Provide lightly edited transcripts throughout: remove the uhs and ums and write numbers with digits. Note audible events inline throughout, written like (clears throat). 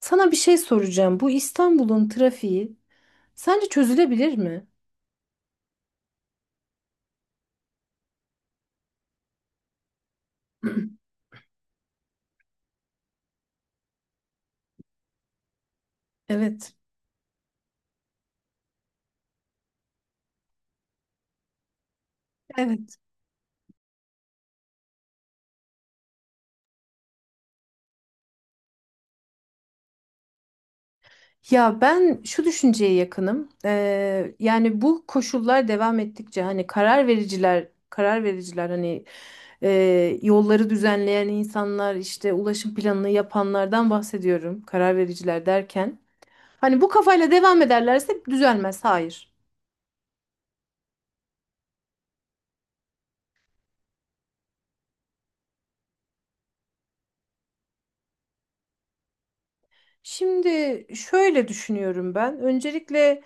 Sana bir şey soracağım. Bu İstanbul'un trafiği sence çözülebilir mi? (clears throat) Evet. Evet. Ya ben şu düşünceye yakınım. Yani bu koşullar devam ettikçe hani karar vericiler hani e, yolları düzenleyen insanlar işte ulaşım planını yapanlardan bahsediyorum. Karar vericiler derken. Hani bu kafayla devam ederlerse düzelmez. Hayır. Şimdi şöyle düşünüyorum ben. Öncelikle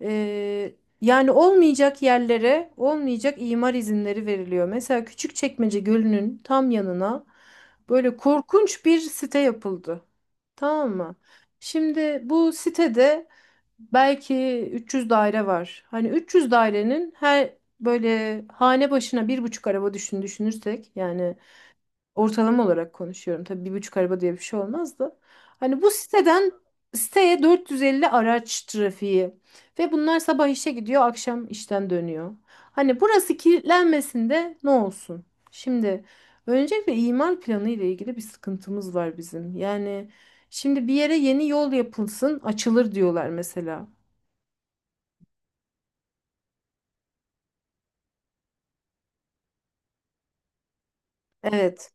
eee, yani olmayacak yerlere olmayacak imar izinleri veriliyor. Mesela Küçükçekmece Gölü'nün tam yanına böyle korkunç bir site yapıldı. Tamam mı? Şimdi bu sitede belki 300 daire var. Hani 300 dairenin her böyle hane başına 1,5 araba düşünürsek yani ortalama olarak konuşuyorum. Tabii 1,5 araba diye bir şey olmaz da. Hani bu siteden siteye 450 araç trafiği ve bunlar sabah işe gidiyor, akşam işten dönüyor. Hani burası kilitlenmesinde ne olsun? Şimdi öncelikle imar planı ile ilgili bir sıkıntımız var bizim. Yani şimdi bir yere yeni yol yapılsın, açılır diyorlar mesela. Evet,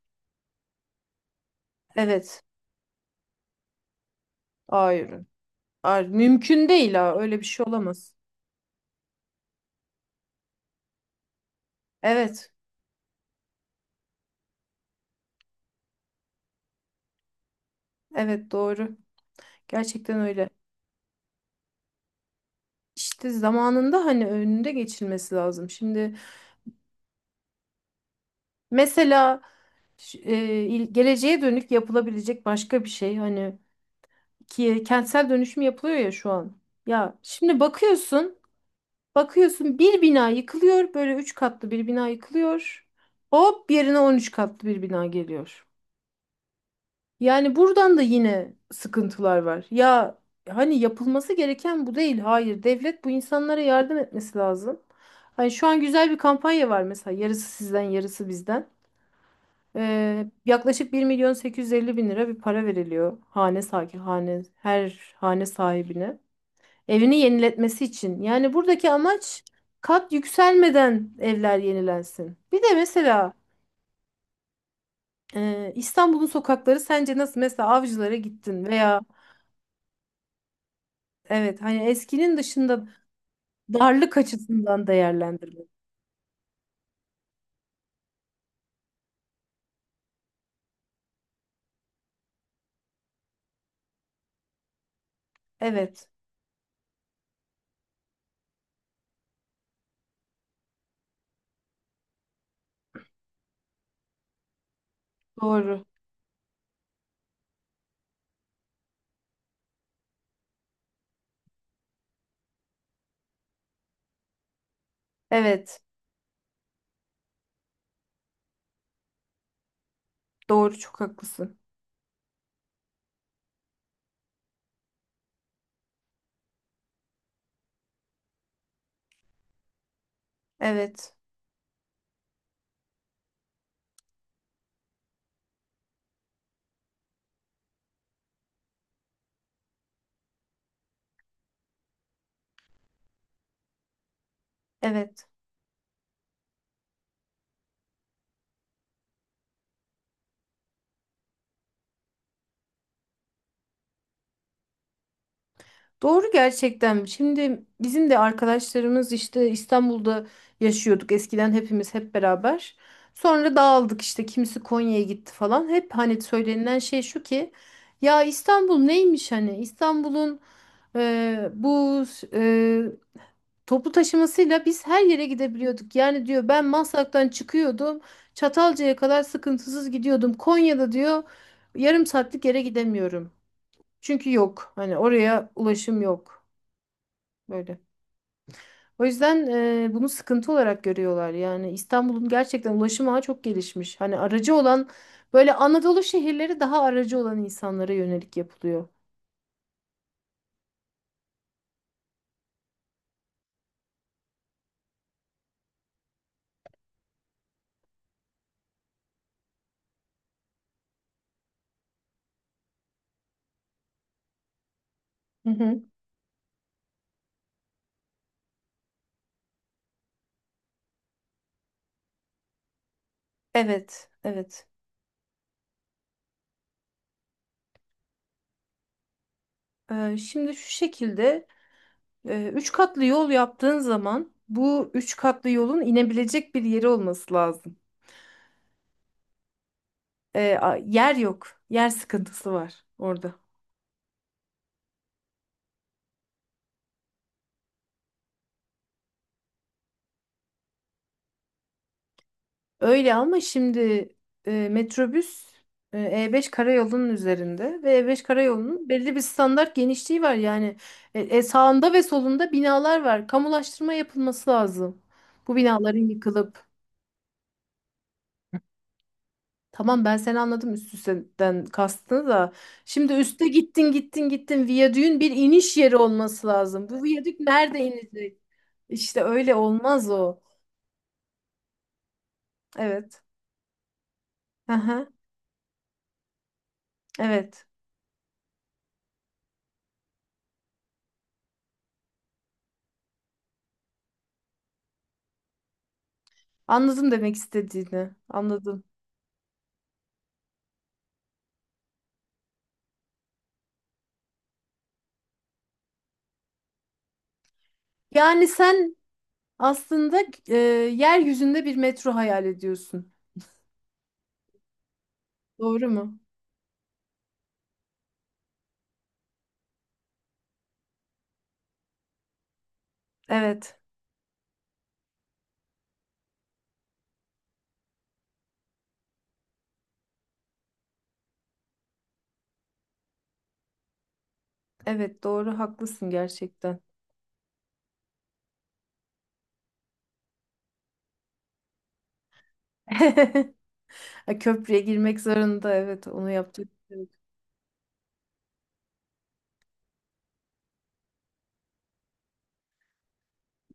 evet. Hayır. Hayır, mümkün değil ha. Öyle bir şey olamaz. Evet, evet doğru. Gerçekten öyle. İşte zamanında hani önünde geçilmesi lazım. Şimdi mesela geleceğe dönük yapılabilecek başka bir şey hani ki kentsel dönüşüm yapılıyor ya şu an. Ya şimdi bakıyorsun bir bina yıkılıyor, böyle üç katlı bir bina yıkılıyor. Hop yerine 13 katlı bir bina geliyor. Yani buradan da yine sıkıntılar var. Ya hani yapılması gereken bu değil. Hayır, devlet bu insanlara yardım etmesi lazım. Hani şu an güzel bir kampanya var mesela yarısı sizden yarısı bizden. Yaklaşık 1.850.000 lira bir para veriliyor hane sahibi hane her hane sahibine. Evini yeniletmesi için. Yani buradaki amaç kat yükselmeden evler yenilensin. Bir de mesela İstanbul'un sokakları sence nasıl? Mesela Avcılar'a gittin veya evet hani eskinin dışında darlık açısından değerlendirmek. Evet doğru. Evet doğru çok haklısın. Evet, evet. Doğru gerçekten. Şimdi bizim de arkadaşlarımız işte İstanbul'da yaşıyorduk eskiden hepimiz hep beraber. Sonra dağıldık işte kimisi Konya'ya gitti falan. Hep hani söylenilen şey şu ki ya İstanbul neymiş hani İstanbul'un bu e, toplu taşımasıyla biz her yere gidebiliyorduk. Yani diyor ben Maslak'tan çıkıyordum Çatalca'ya kadar sıkıntısız gidiyordum. Konya'da diyor yarım saatlik yere gidemiyorum. Çünkü yok hani oraya ulaşım yok. Böyle. O yüzden bunu sıkıntı olarak görüyorlar. Yani İstanbul'un gerçekten ulaşım ağı çok gelişmiş. Hani aracı olan böyle Anadolu şehirleri daha aracı olan insanlara yönelik yapılıyor. Hı hı. Evet, evet. Şimdi şu şekilde üç katlı yol yaptığın zaman bu üç katlı yolun inebilecek bir yeri olması lazım. Yer yok, yer sıkıntısı var orada. Öyle ama şimdi metrobüs e, E5 karayolunun üzerinde ve E5 karayolunun belli bir standart genişliği var. Yani sağında ve solunda binalar var. Kamulaştırma yapılması lazım. Bu binaların yıkılıp tamam ben seni anladım üst üste'den kastını da. Şimdi üste gittin gittin gittin viyadüğün bir iniş yeri olması lazım. Bu viyadük nerede inecek? İşte öyle olmaz o. Evet. Aha, evet. Anladım demek istediğini. Anladım. Yani sen aslında yeryüzünde bir metro hayal ediyorsun. Doğru mu? Evet. Evet doğru haklısın gerçekten. (laughs) Ha, köprüye girmek zorunda, evet, onu yapacak. Bir şey yok.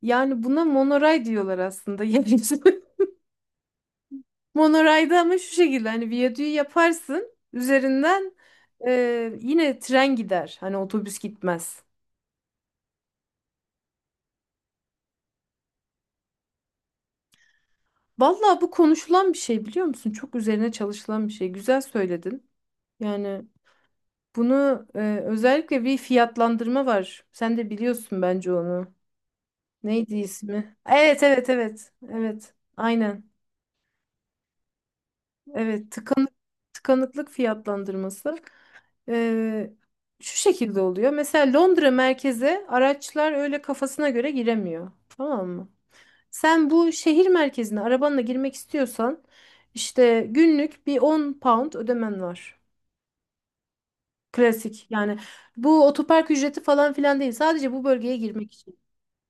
Yani buna monoray diyorlar aslında (laughs) yeryüzü. Monorayda ama şu şekilde hani viyadüğü yaparsın üzerinden yine tren gider. Hani otobüs gitmez. Vallahi bu konuşulan bir şey biliyor musun? Çok üzerine çalışılan bir şey. Güzel söyledin. Yani bunu özellikle bir fiyatlandırma var. Sen de biliyorsun bence onu. Neydi ismi? Evet, evet, evet. Evet. Aynen. Evet, tıkanıklık fiyatlandırması. e, şu şekilde oluyor. Mesela Londra merkeze araçlar öyle kafasına göre giremiyor. Tamam mı? Sen bu şehir merkezine arabanla girmek istiyorsan işte günlük bir 10 pound ödemen var. Klasik. Yani bu otopark ücreti falan filan değil. Sadece bu bölgeye girmek için.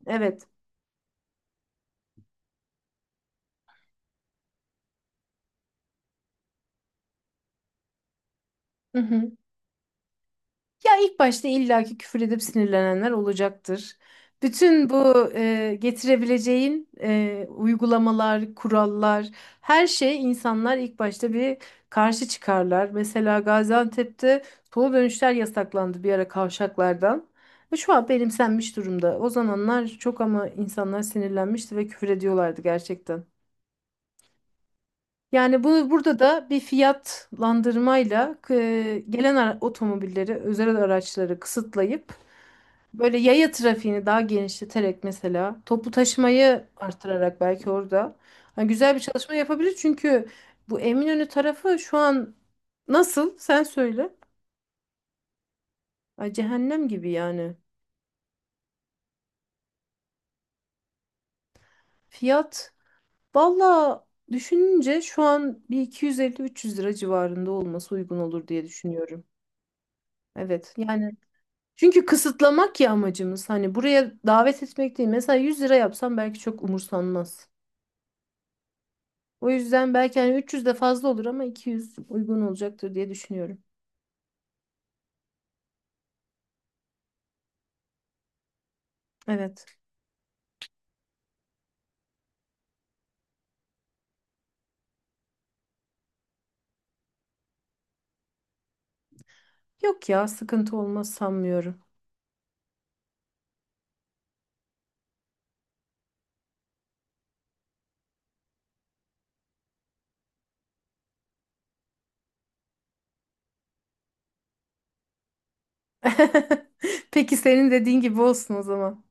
Evet. Hı hı. Ya ilk başta illaki küfür edip sinirlenenler olacaktır. Bütün bu getirebileceğin uygulamalar, kurallar, her şey insanlar ilk başta bir karşı çıkarlar. Mesela Gaziantep'te toplu dönüşler yasaklandı bir ara kavşaklardan. Ve şu an benimsenmiş durumda. O zamanlar çok ama insanlar sinirlenmişti ve küfür ediyorlardı gerçekten. Yani bunu burada da bir fiyatlandırmayla gelen otomobilleri, özel araçları kısıtlayıp böyle yaya trafiğini daha genişleterek mesela toplu taşımayı artırarak belki orada hani güzel bir çalışma yapabilir. Çünkü bu Eminönü tarafı şu an nasıl? Sen söyle. Ay cehennem gibi yani. Fiyat valla düşününce şu an bir 250 300 lira civarında olması uygun olur diye düşünüyorum. Evet yani çünkü kısıtlamak ya amacımız. Hani buraya davet etmek değil. Mesela 100 lira yapsam belki çok umursanmaz. O yüzden belki hani 300 de fazla olur ama 200 uygun olacaktır diye düşünüyorum. Evet. Yok ya sıkıntı olmaz sanmıyorum. (laughs) Peki senin dediğin gibi olsun o zaman.